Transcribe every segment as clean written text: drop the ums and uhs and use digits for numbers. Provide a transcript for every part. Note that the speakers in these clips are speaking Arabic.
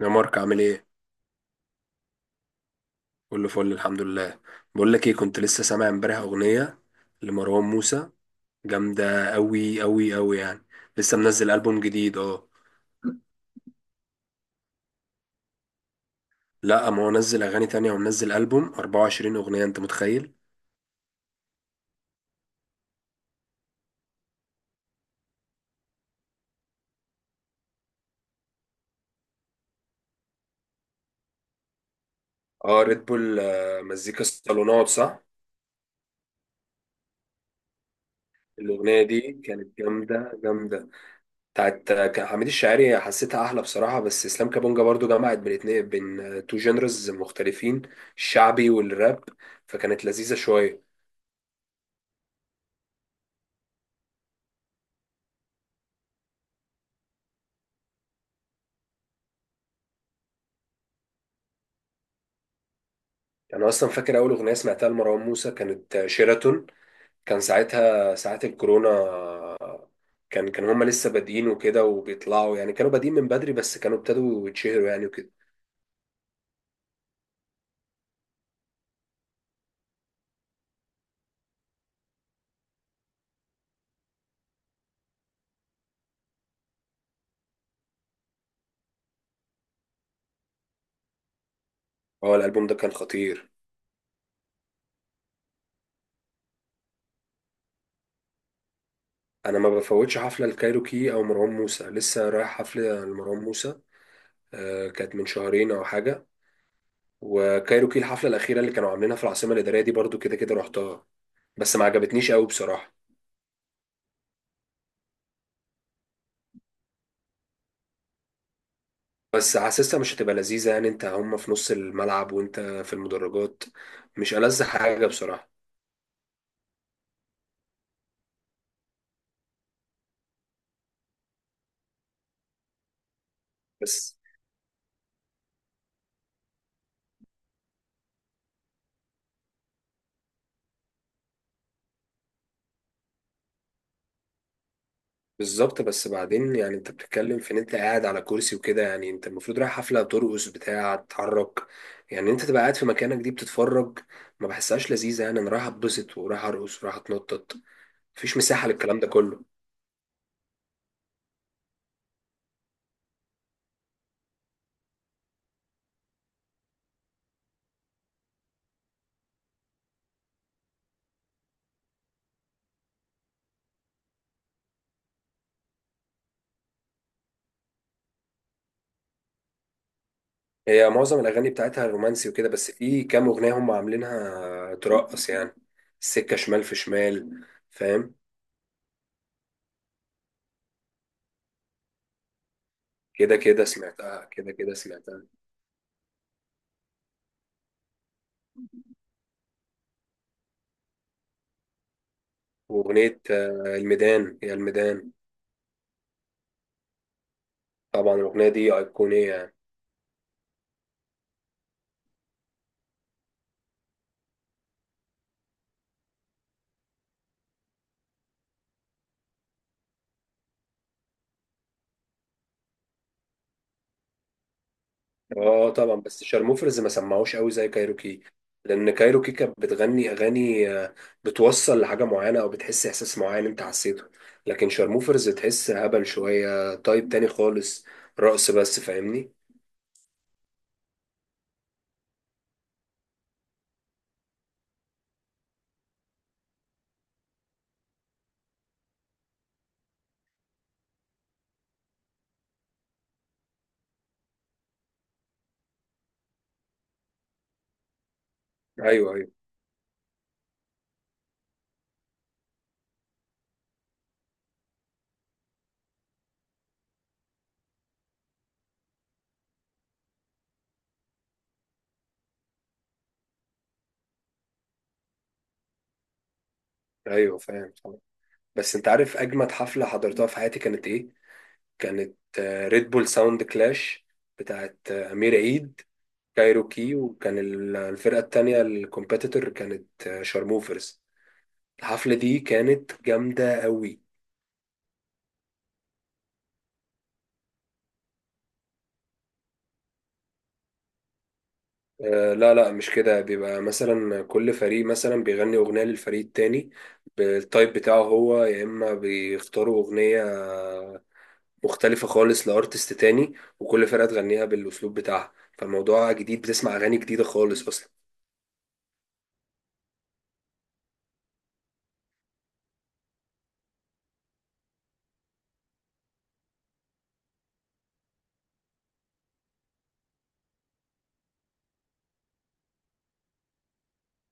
يا مارك عامل ايه؟ كله فل الحمد لله. بقول لك ايه، كنت لسه سامع امبارح اغنية لمروان موسى جامدة قوي قوي قوي يعني. لسه منزل ألبوم جديد اه. لا، ما هو نزل اغاني تانية ومنزل ألبوم 24 اغنية، انت متخيل؟ اه ريد بول، مزيكا الصالونات صح؟ الأغنية دي كانت جامدة جامدة. بتاعت كان حميد الشاعري، حسيتها أحلى بصراحة، بس إسلام كابونجا برضو جمعت بين اتنين، بين تو جينرز مختلفين، الشعبي والراب، فكانت لذيذة شوية. يعني انا اصلا فاكر اول اغنيه سمعتها لمروان موسى كانت شيراتون، كان ساعتها ساعات الكورونا. كان هما لسه بادئين وكده وبيطلعوا، يعني كانوا بادئين من بدري بس كانوا ابتدوا يتشهروا يعني وكده. هو الالبوم ده كان خطير. انا ما بفوتش حفله الكايروكي او مروان موسى، لسه رايح حفله لمروان موسى كانت من شهرين او حاجه. وكايروكي الحفله الاخيره اللي كانوا عاملينها في العاصمه الاداريه دي برضو كده كده رحتها، بس ما عجبتنيش قوي بصراحه. بس حاسسها مش هتبقى لذيذة، يعني انت هم في نص الملعب وانت في المدرجات، مش ألذ حاجة بصراحة. بس بالظبط، بس بعدين يعني انت بتتكلم في ان انت قاعد على كرسي وكده، يعني انت المفروض رايح حفلة ترقص، بتاع تتحرك، يعني انت تبقى قاعد في مكانك دي بتتفرج. ما بحسهاش لذيذة، يعني انا رايح اتبسط ورايح ارقص ورايح اتنطط، مفيش مساحة للكلام ده كله. هي معظم الأغاني بتاعتها رومانسي وكده، بس في كام أغنية هم عاملينها ترقص يعني، السكة شمال، في شمال، فاهم. كده كده سمعتها، كده كده سمعتها. وأغنية الميدان، هي الميدان. طبعا الأغنية دي أيقونية يعني. اه طبعا، بس شارموفرز ما سمعوش قوي زي كايروكي، لأن كايروكي كانت بتغني أغاني بتوصل لحاجة معينة أو بتحس إحساس معين أنت حسيته، لكن شارموفرز تحس هبل شوية، تايب تاني خالص، رقص بس، فاهمني. أيوه أيوه. أيوه فاهم طبعا. بس أنت عارف أجمد حفلة حضرتها في حياتي كانت إيه؟ كانت ريد بول ساوند كلاش بتاعت أمير عيد، كايروكي، وكان الفرقة التانية الكومبيتيتور كانت شارموفرز. الحفلة دي كانت جامدة قوي. لا لا، مش كده، بيبقى مثلا كل فريق مثلا بيغني أغنية للفريق التاني بالتايب بتاعه هو، يا إما بيختاروا أغنية مختلفة خالص لأرتست تاني وكل فرقة تغنيها بالأسلوب بتاعها، فالموضوع جديد، بتسمع أغاني جديدة خالص أصلا.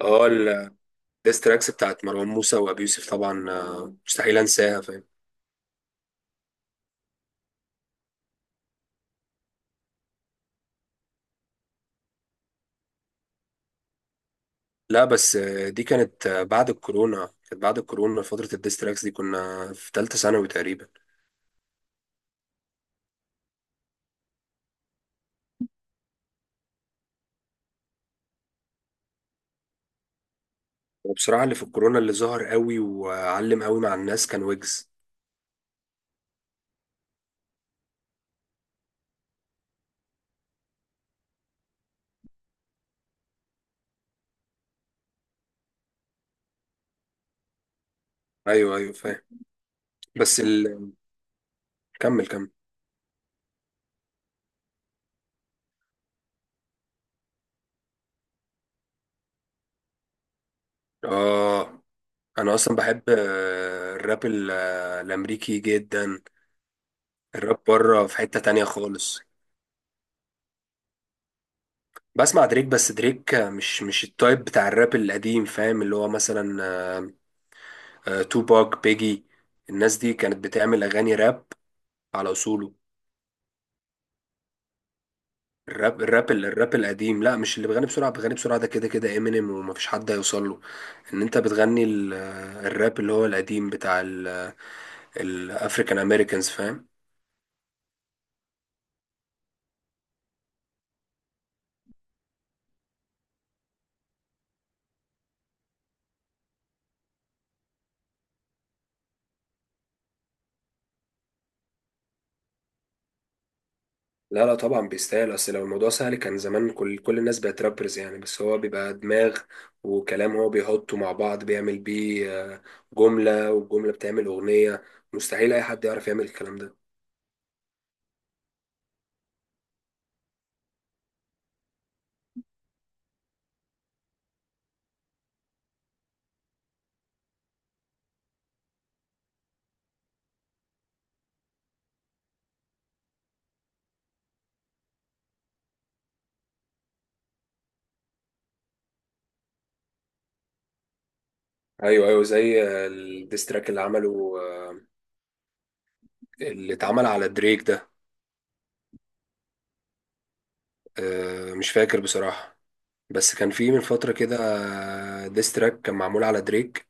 اه الديستراكس بتاعت مروان موسى وأبي يوسف طبعا مستحيل أنساها. لا بس دي كانت بعد الكورونا، كانت بعد الكورونا فترة الديستراكس دي، كنا في تالتة ثانوي تقريبا. وبصراحة اللي في الكورونا اللي ظهر قوي وعلم قوي مع الناس كان ويجز. ايوه ايوه فاهم. بس ال... كمل كمل. اه انا اصلا بحب الراب الامريكي جدا. الراب بره في حتة تانية خالص. بسمع دريك، بس دريك مش التايب بتاع الراب القديم فاهم، اللي هو مثلا توباك، بيجي، الناس دي كانت بتعمل اغاني راب على اصوله. الراب، الراب القديم، لا مش اللي بيغني بسرعة. بيغني بسرعة ده كده كده امينيم، ومفيش حد هيوصل له. ان انت بتغني الراب اللي هو القديم بتاع الافريكان امريكانز فاهم. لا لا طبعا بيستاهل، اصل لو الموضوع سهل كان زمان كل الناس بقت رابرز يعني، بس هو بيبقى دماغ وكلام هو بيحطه مع بعض، بيعمل بيه جملة، والجملة بتعمل أغنية، مستحيل أي حد يعرف يعمل الكلام ده. ايوه ايوه، زي الديستراك اللي عمله اللي اتعمل على دريك ده. مش فاكر بصراحة، بس كان في من فترة كده ديستراك كان معمول على دريك.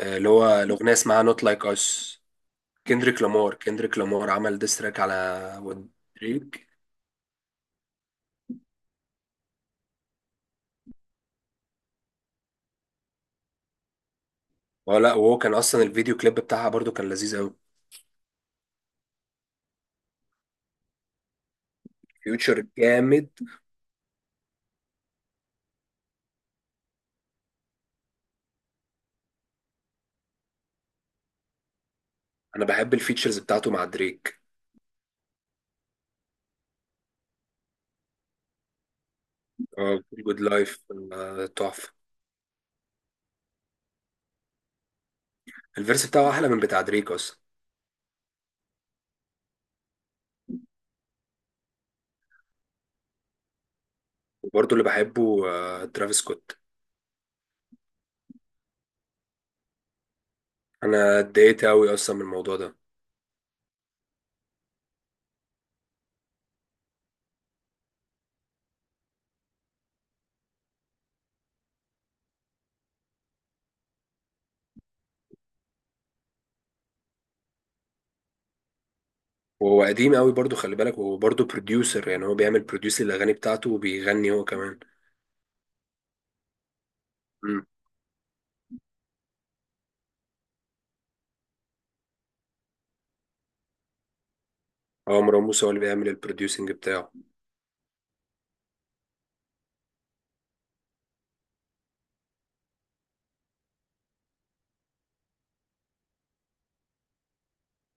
اللي هو الأغنية اسمها نوت لايك أس. كندريك لامار، عمل ديستراك على دريك. اه لا، وهو كان أصلا الفيديو كليب بتاعها برضو كان لذيذ أوي. فيوتشر جامد. أنا بحب الفيتشرز بتاعته مع دريك. اه جود لايف، تحفة. الفيرس بتاعه أحلى من بتاع دريك أصلا. وبرضو اللي بحبه ترافيس سكوت. أنا اتضايقت أوي أصلا من الموضوع ده. وهو قديم قوي برضو، خلي بالك، وهو برضو بروديوسر، يعني هو بيعمل بروديوس للاغاني بتاعته وبيغني هو كمان. امم. هو مروان موسى هو اللي بيعمل البروديوسنج بتاعه.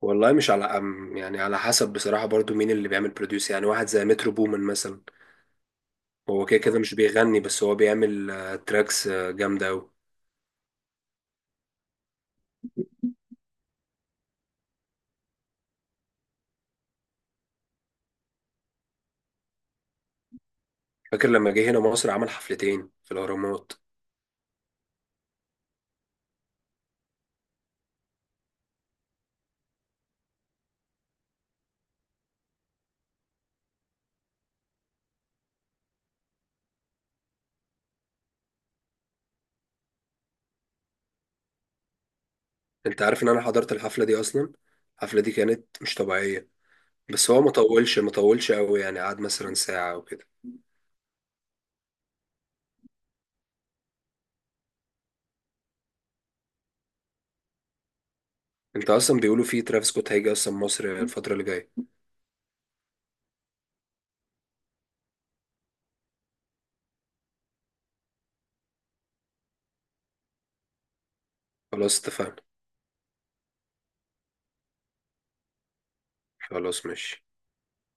والله مش على أم، يعني على حسب بصراحة، برضو مين اللي بيعمل بروديوس، يعني واحد زي مترو بومن مثلا، هو كده كده مش بيغني، بس هو بيعمل تراكس جامدة قوي. فاكر لما جه هنا مصر عمل حفلتين في الأهرامات؟ انت عارف ان انا حضرت الحفلة دي اصلا. الحفلة دي كانت مش طبيعية، بس هو ما طولش، ما طولش قوي يعني، قعد مثلا ساعة او كده. انت اصلا بيقولوا فيه ترافيس سكوت هيجي اصلا مصر الفترة اللي جاية. خلاص اتفقنا. خلاص ماشي.